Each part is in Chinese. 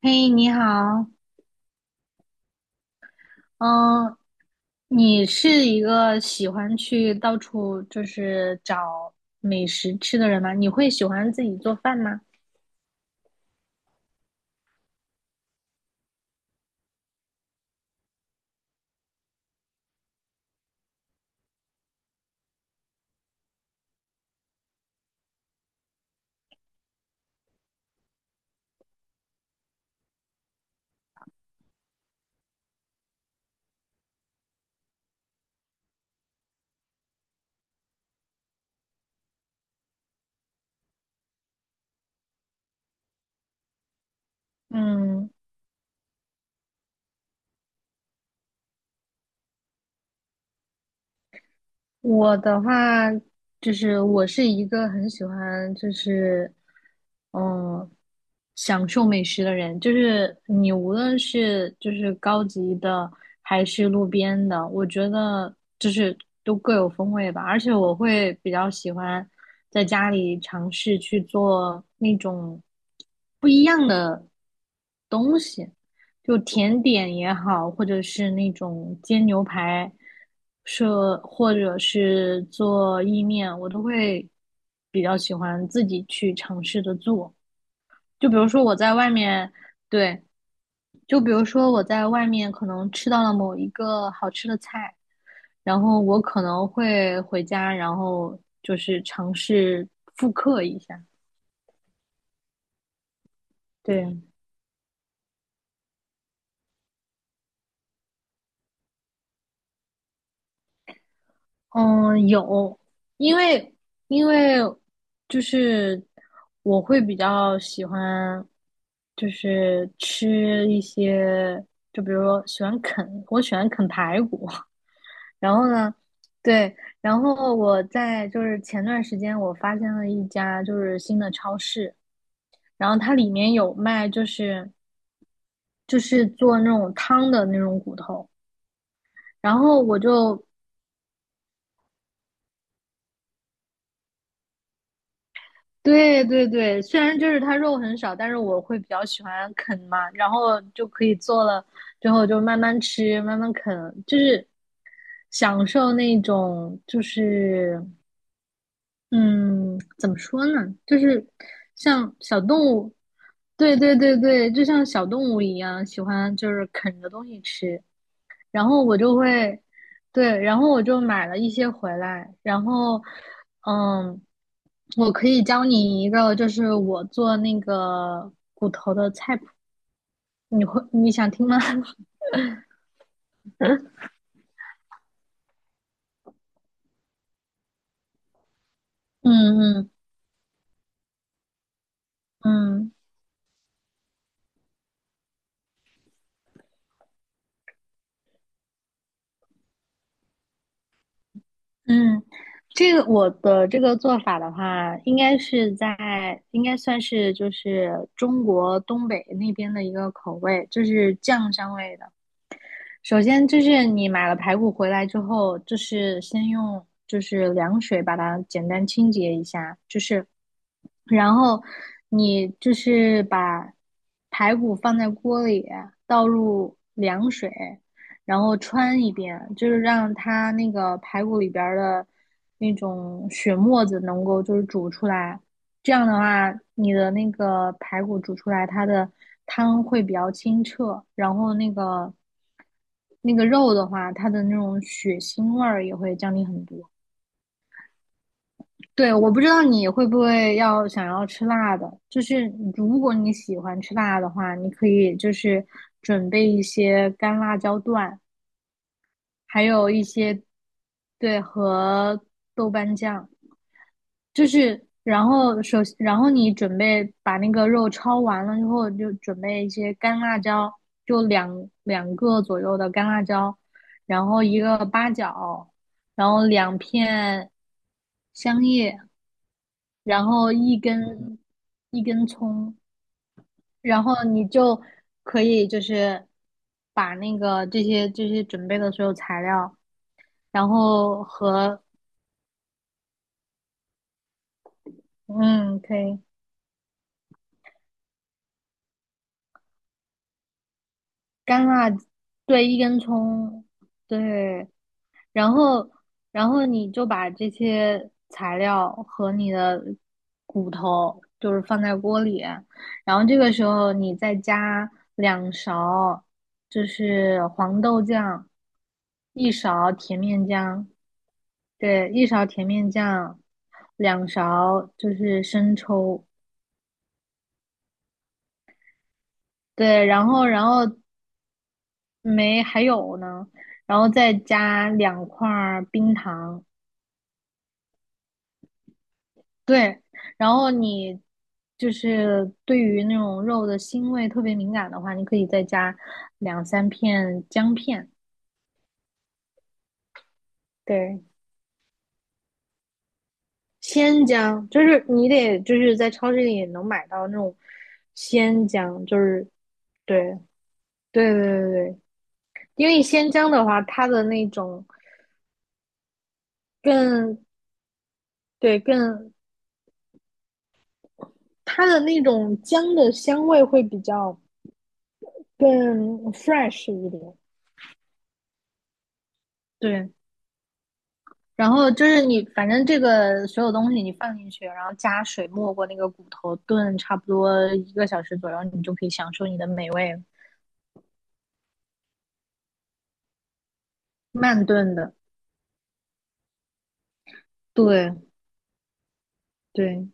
嘿，你好。嗯，你是一个喜欢去到处就是找美食吃的人吗？你会喜欢自己做饭吗？嗯，我的话就是我是一个很喜欢就是嗯享受美食的人，就是你无论是就是高级的还是路边的，我觉得就是都各有风味吧。而且我会比较喜欢在家里尝试去做那种不一样的东西。就甜点也好，或者是那种煎牛排，是或者是做意面，我都会比较喜欢自己去尝试着做。就比如说我在外面，对，就比如说我在外面可能吃到了某一个好吃的菜，然后我可能会回家，然后就是尝试复刻一下。对。嗯，有。因为因为就是我会比较喜欢，就是吃一些，就比如说喜欢啃，我喜欢啃排骨。然后呢，对，然后就是前段时间我发现了一家就是新的超市，然后它里面有卖就是做那种汤的那种骨头，然后我就对对对，虽然就是它肉很少，但是我会比较喜欢啃嘛，然后就可以做了之后就慢慢吃，慢慢啃，就是享受那种就是嗯，怎么说呢，就是像小动物，对对对对，就像小动物一样，喜欢就是啃着东西吃。然后我就会，对，然后我就买了一些回来，然后，嗯，我可以教你一个，就是我做那个，你想听吗？嗯嗯嗯嗯，这个我的这个做法的话，应该算是就是中国东北那边的一个口味，就是酱香味的。首先就是你买了排骨回来之后，就是先用就是凉水把它简单清洁一下，就是然后你就是把排骨放在锅里，倒入凉水，然后穿一遍，就是让它那个排骨里边的那种血沫子能够就是煮出来。这样的话，你的那个排骨煮出来，它的汤会比较清澈，然后那个肉的话，它的那种血腥味儿也会降低很多。对，我不知道你会不会要想要吃辣的，就是如果你喜欢吃辣的话，你可以就是准备一些干辣椒段，还有一些，对，和豆瓣酱。就是，然后先，然后你准备把那个肉焯完了之后，就准备一些干辣椒，就两个左右的干辣椒，然后一个八角，然后2片香叶，然后一根葱，然后你就可以就是把这些准备的所有材料，然后和嗯，可以。干辣，对，一根葱，对，然后你就把这些材料和你的骨头就是放在锅里，然后这个时候你再加两勺就是黄豆酱，一勺甜面酱，对，一勺甜面酱，两勺就是生抽。对，然后没还有呢，然后再加2块儿冰糖，对，然后你就是对于那种肉的腥味特别敏感的话，你可以再加两三片姜片，对，鲜姜，就是你得就是在超市里也能买到那种鲜姜，就是对对对对对，因为鲜姜的话，它的那种更对更它的那种姜的香味会比较。更 fresh 一点。对，然后就是你，反正这个所有东西你放进去，然后加水没过那个骨头，炖差不多1个小时左右，你就可以享受你的美味。慢炖的，对对。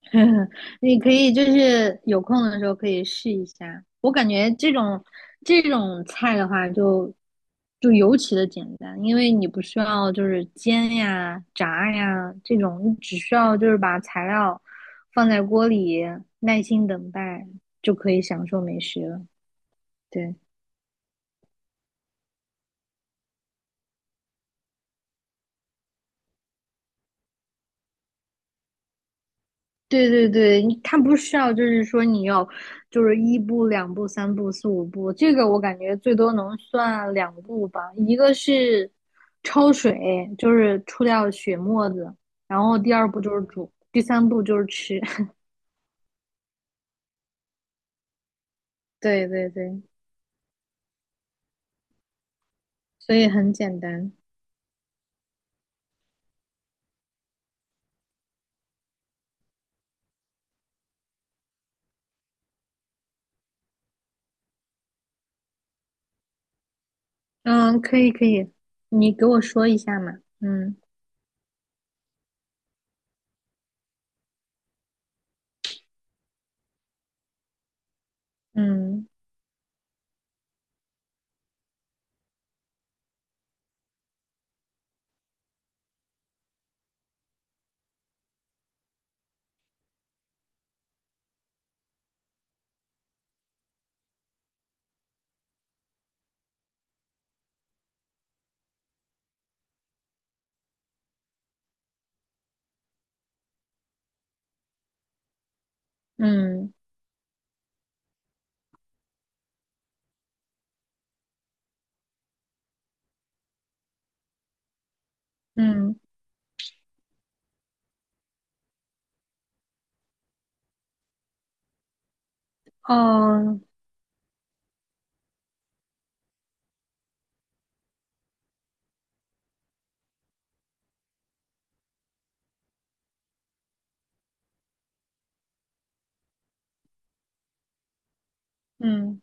你可以就是有空的时候可以试一下。我感觉这种菜的话就，就尤其的简单，因为你不需要就是煎呀、炸呀这种，你只需要就是把材料放在锅里，耐心等待就可以享受美食了。对。对对对，你它不需要，就是说你要，就是一步、两步、三步、四五步，这个我感觉最多能算两步吧。一个是焯水，就是出掉血沫子，然后第二步就是煮，第三步就是吃。对对对，所以很简单。嗯，可以可以，你给我说一下嘛。嗯嗯嗯嗯，哦。嗯，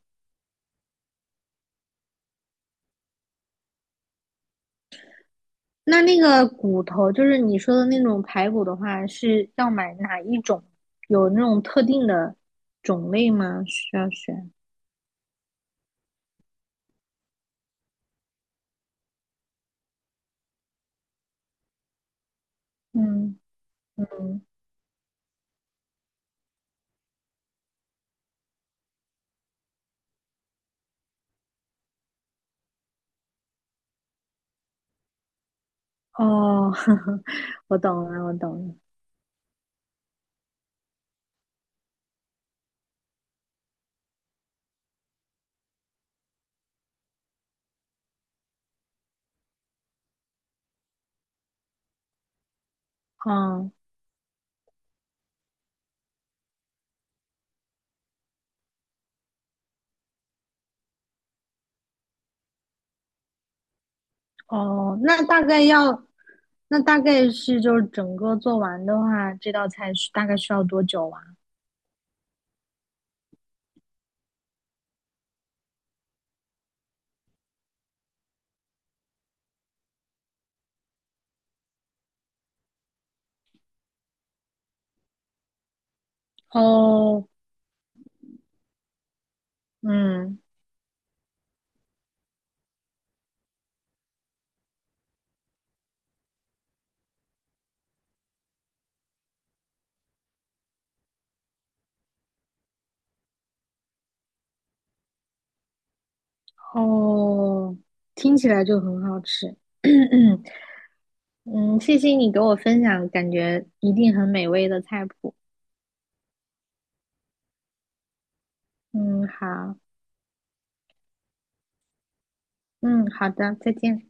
那那个骨头，就是你说的那种排骨的话，是要买哪一种？有那种特定的种类吗？需要选？嗯嗯，哦。我懂了，我懂了。哦哦，那大概是就是整个做完的话，这道菜是大概需要多久啊？哦，嗯，哦，听起来就很好吃。嗯，谢谢你给我分享，感觉一定很美味的菜谱。嗯，好，嗯，好的，再见。